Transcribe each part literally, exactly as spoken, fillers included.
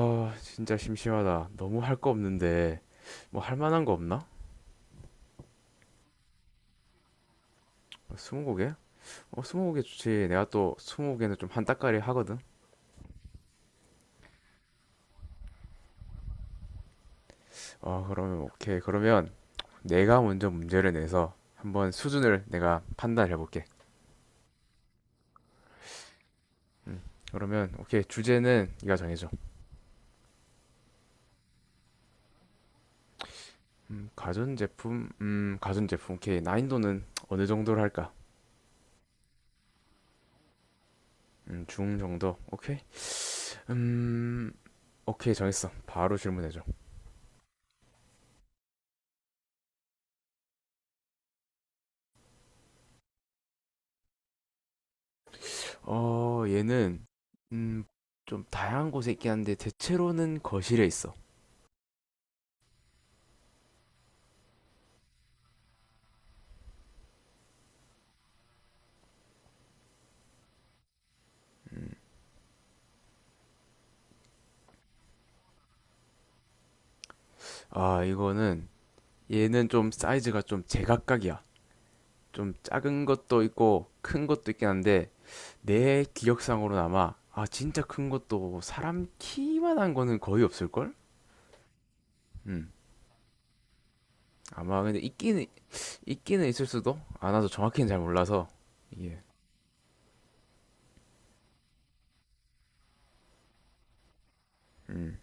아, 진짜 심심하다. 너무 할 거 없는데, 뭐 할 만한 거 없나? 어, 스무고개? 어, 스무고개 좋지. 내가 또 스무고개는 좀 한따까리 하거든. 어, 그러면 오케이. 그러면 내가 먼저 문제를 내서 한번 수준을 내가 판단해 볼게. 그러면 오케이. 주제는 네가 정해줘. 음, 가전제품? 음, 가전제품. 오케이. 난이도는 어느 정도로 할까? 음, 중 정도. 오케이. 음, 오케이. 정했어. 바로 질문해줘. 어, 얘는 음, 좀 다양한 곳에 있긴 한데 대체로는 거실에 있어. 음. 아, 이거는 얘는 좀 사이즈가 좀 제각각이야. 좀 작은 것도 있고 큰 것도 있긴 한데 내 기억상으로는 아마 아, 진짜 큰 것도 사람 키만한 거는 거의 없을걸? 음. 아마 근데 있기는 있기는 있을 수도? 아, 나도 정확히는 잘 몰라서. 이게. 음.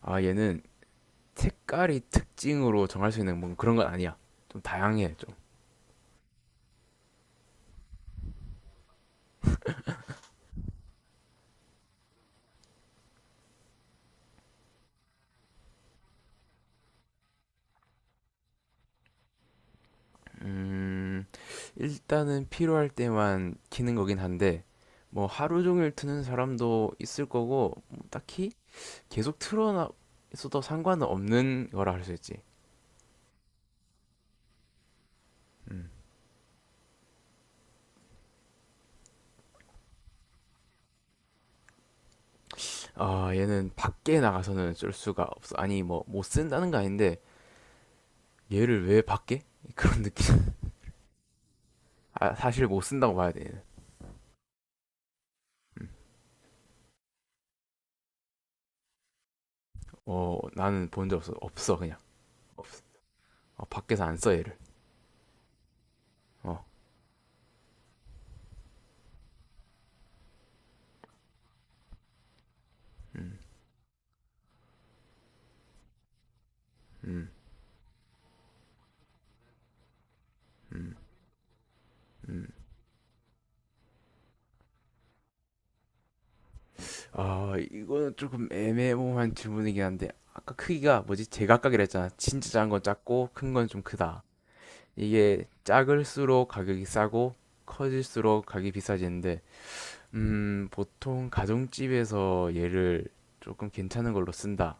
아, 얘는 색깔이 특징으로 정할 수 있는 뭐 그런 건 아니야. 좀 다양해. 음, 일단은 필요할 때만 키는 거긴 한데, 뭐 하루 종일 트는 사람도 있을 거고, 뭐 딱히 계속 틀어놔 있어도 상관은 없는 거라 할 수 있지. 음. 아, 얘는 밖에 나가서는 쓸 수가 없어. 아니, 뭐, 못 쓴다는 거 아닌데, 얘를 왜 밖에? 그런 느낌. 아, 사실 못 쓴다고 봐야 돼, 얘는. 음. 어, 나는 본 적 없어. 없어, 그냥. 없어. 어, 밖에서 안 써, 얘를. 어, 음, 음, 음, 음. 아, 이거는 조금 애매모호한 질문이긴 한데, 아까 크기가 뭐지? 제각각이라 했잖아. 진짜 작은 건 작고, 큰 건 좀 크다. 이게 작을수록 가격이 싸고, 커질수록 가격이 비싸지는데, 음, 보통 가정집에서 얘를 조금 괜찮은 걸로 쓴다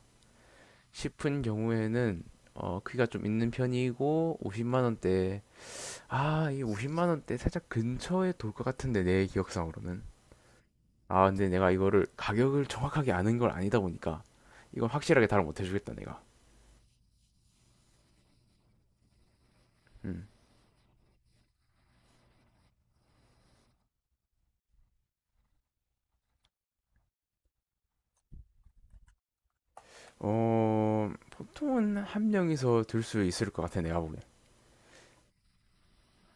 싶은 경우에는, 어, 크기가 좀 있는 편이고, 오십만 원대, 아, 이 오십만 원대 살짝 근처에 돌 것 같은데, 내 기억상으로는. 아, 근데 내가 이거를 가격을 정확하게 아는 걸 아니다 보니까 이건 확실하게 답을 못 해주겠다, 내가. 음. 어, 보통은 한 명이서 들 수 있을 것 같아, 내가 보기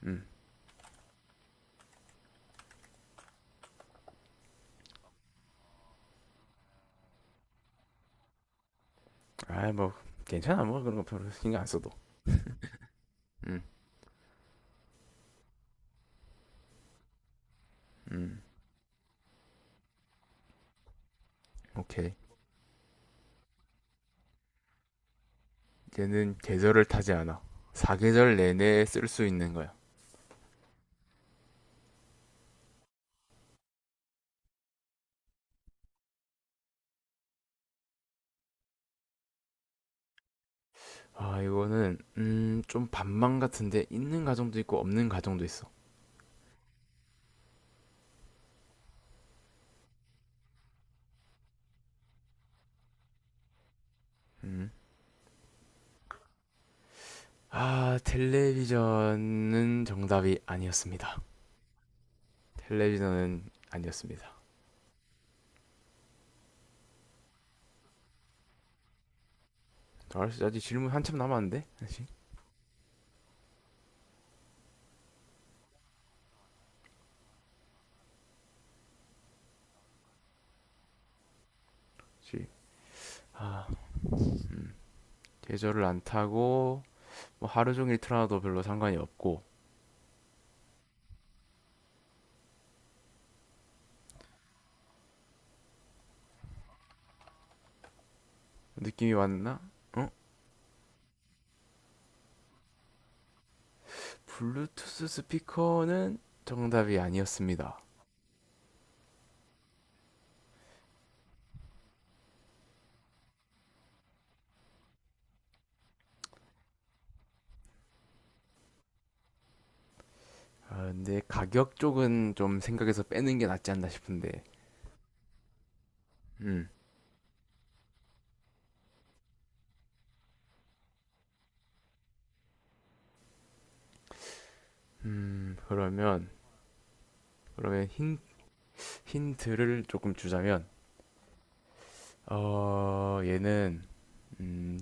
음. 아, 뭐, 괜찮아, 뭐, 그런 거 별로 신경 안 써도. 음, 음, 오케이. 얘는 계절을 타지 않아. 사계절 내내 쓸 수 있는 거야. 아, 이거는, 음, 좀 반망 같은데, 있는 가정도 있고, 없는 가정도 있어. 음. 아, 텔레비전은 정답이 아니었습니다. 텔레비전은 아니었습니다. 알았어, 아직 질문 한참 남았는데? 아직? 시 아, 계절을 안 타고 뭐 하루 종일 틀어놔도 별로 상관이 없고 느낌이 왔나? 어? 블루투스 스피커는 정답이 아니었습니다. 아, 근데 가격 쪽은 좀 생각해서 빼는 게 낫지 않나 싶은데. 음, 음, 그러면 그러면 힌 힌트를 조금 주자면, 어, 얘는 음,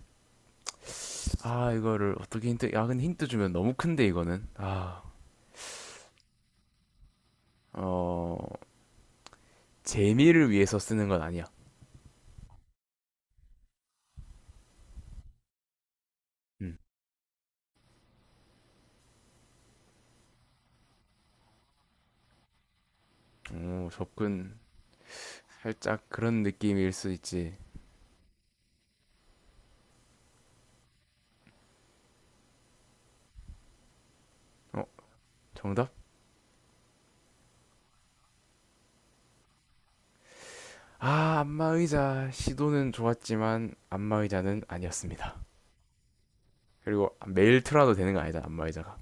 아, 이거를 어떻게 힌트, 야, 근데 힌트 주면 너무 큰데, 이거는. 아, 어, 재미를 위해서 쓰는 건 아니야. 음, 오, 접근. 살짝 그런 느낌일 수 있지. 어, 정답? 아, 안마의자. 시도는 좋았지만, 안마의자는 아니었습니다. 그리고 매일 틀어도 되는 거 아니다, 안마의자가.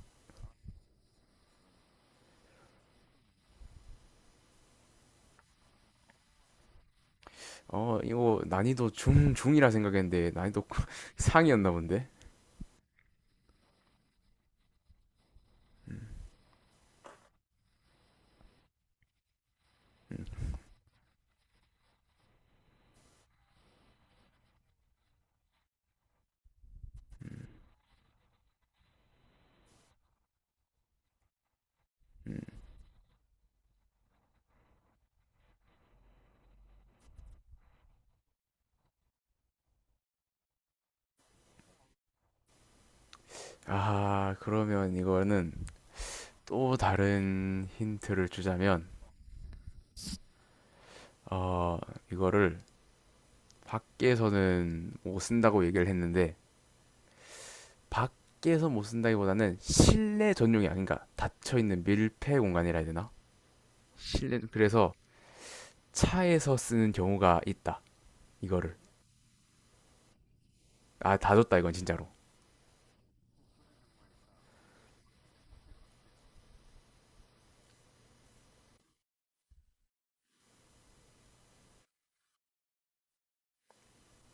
어, 이거 난이도 중, 중이라 생각했는데, 난이도 상이었나 본데? 음, 음. 음. 아, 그러면 이거는 또 다른 힌트를 주자면, 어, 이거를 밖에서는 못 쓴다고 얘기를 했는데, 밖에서 못 쓴다기보다는 실내 전용이 아닌 가 닫혀있는 밀폐 공간이라 해야 되나? 실내, 그래서 차에서 쓰는 경우가 있다. 이거를. 아, 다줬다, 이건 진짜로.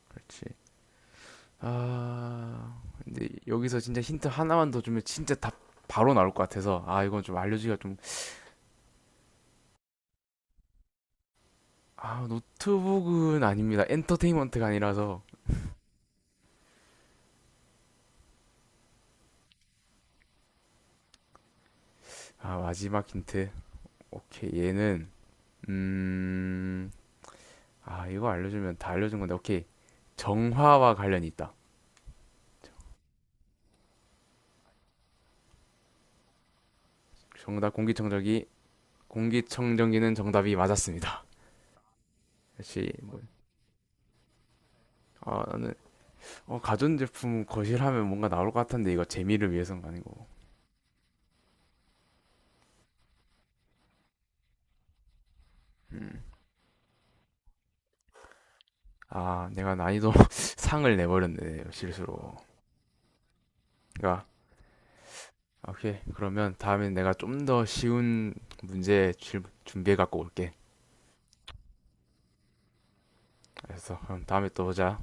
그치. 아, 근데 여기서 진짜 힌트 하나만 더 주면 진짜 답 바로 나올 것 같아서, 아, 이건 좀 알려주기가 좀, 아, 노트북은 아닙니다. 엔터테인먼트가 아니라서. 아, 마지막 힌트. 오케이, 얘는, 음, 아, 이거 알려주면 다 알려준 건데, 오케이. 정화와 관련이 있다. 정답 공기청정기, 공기청정기는 정답이 맞았습니다. 역시, 뭐, 아, 나는, 어, 가전제품 거실하면 뭔가 나올 것 같은데, 이거 재미를 위해서는 아니고. 음, 아, 내가 난이도 상을 내버렸네, 실수로. 그러니까, 오케이. 그러면 다음엔 내가 좀 더 쉬운 문제 준비해갖고 올게. 알았어. 그럼 다음에 또 보자.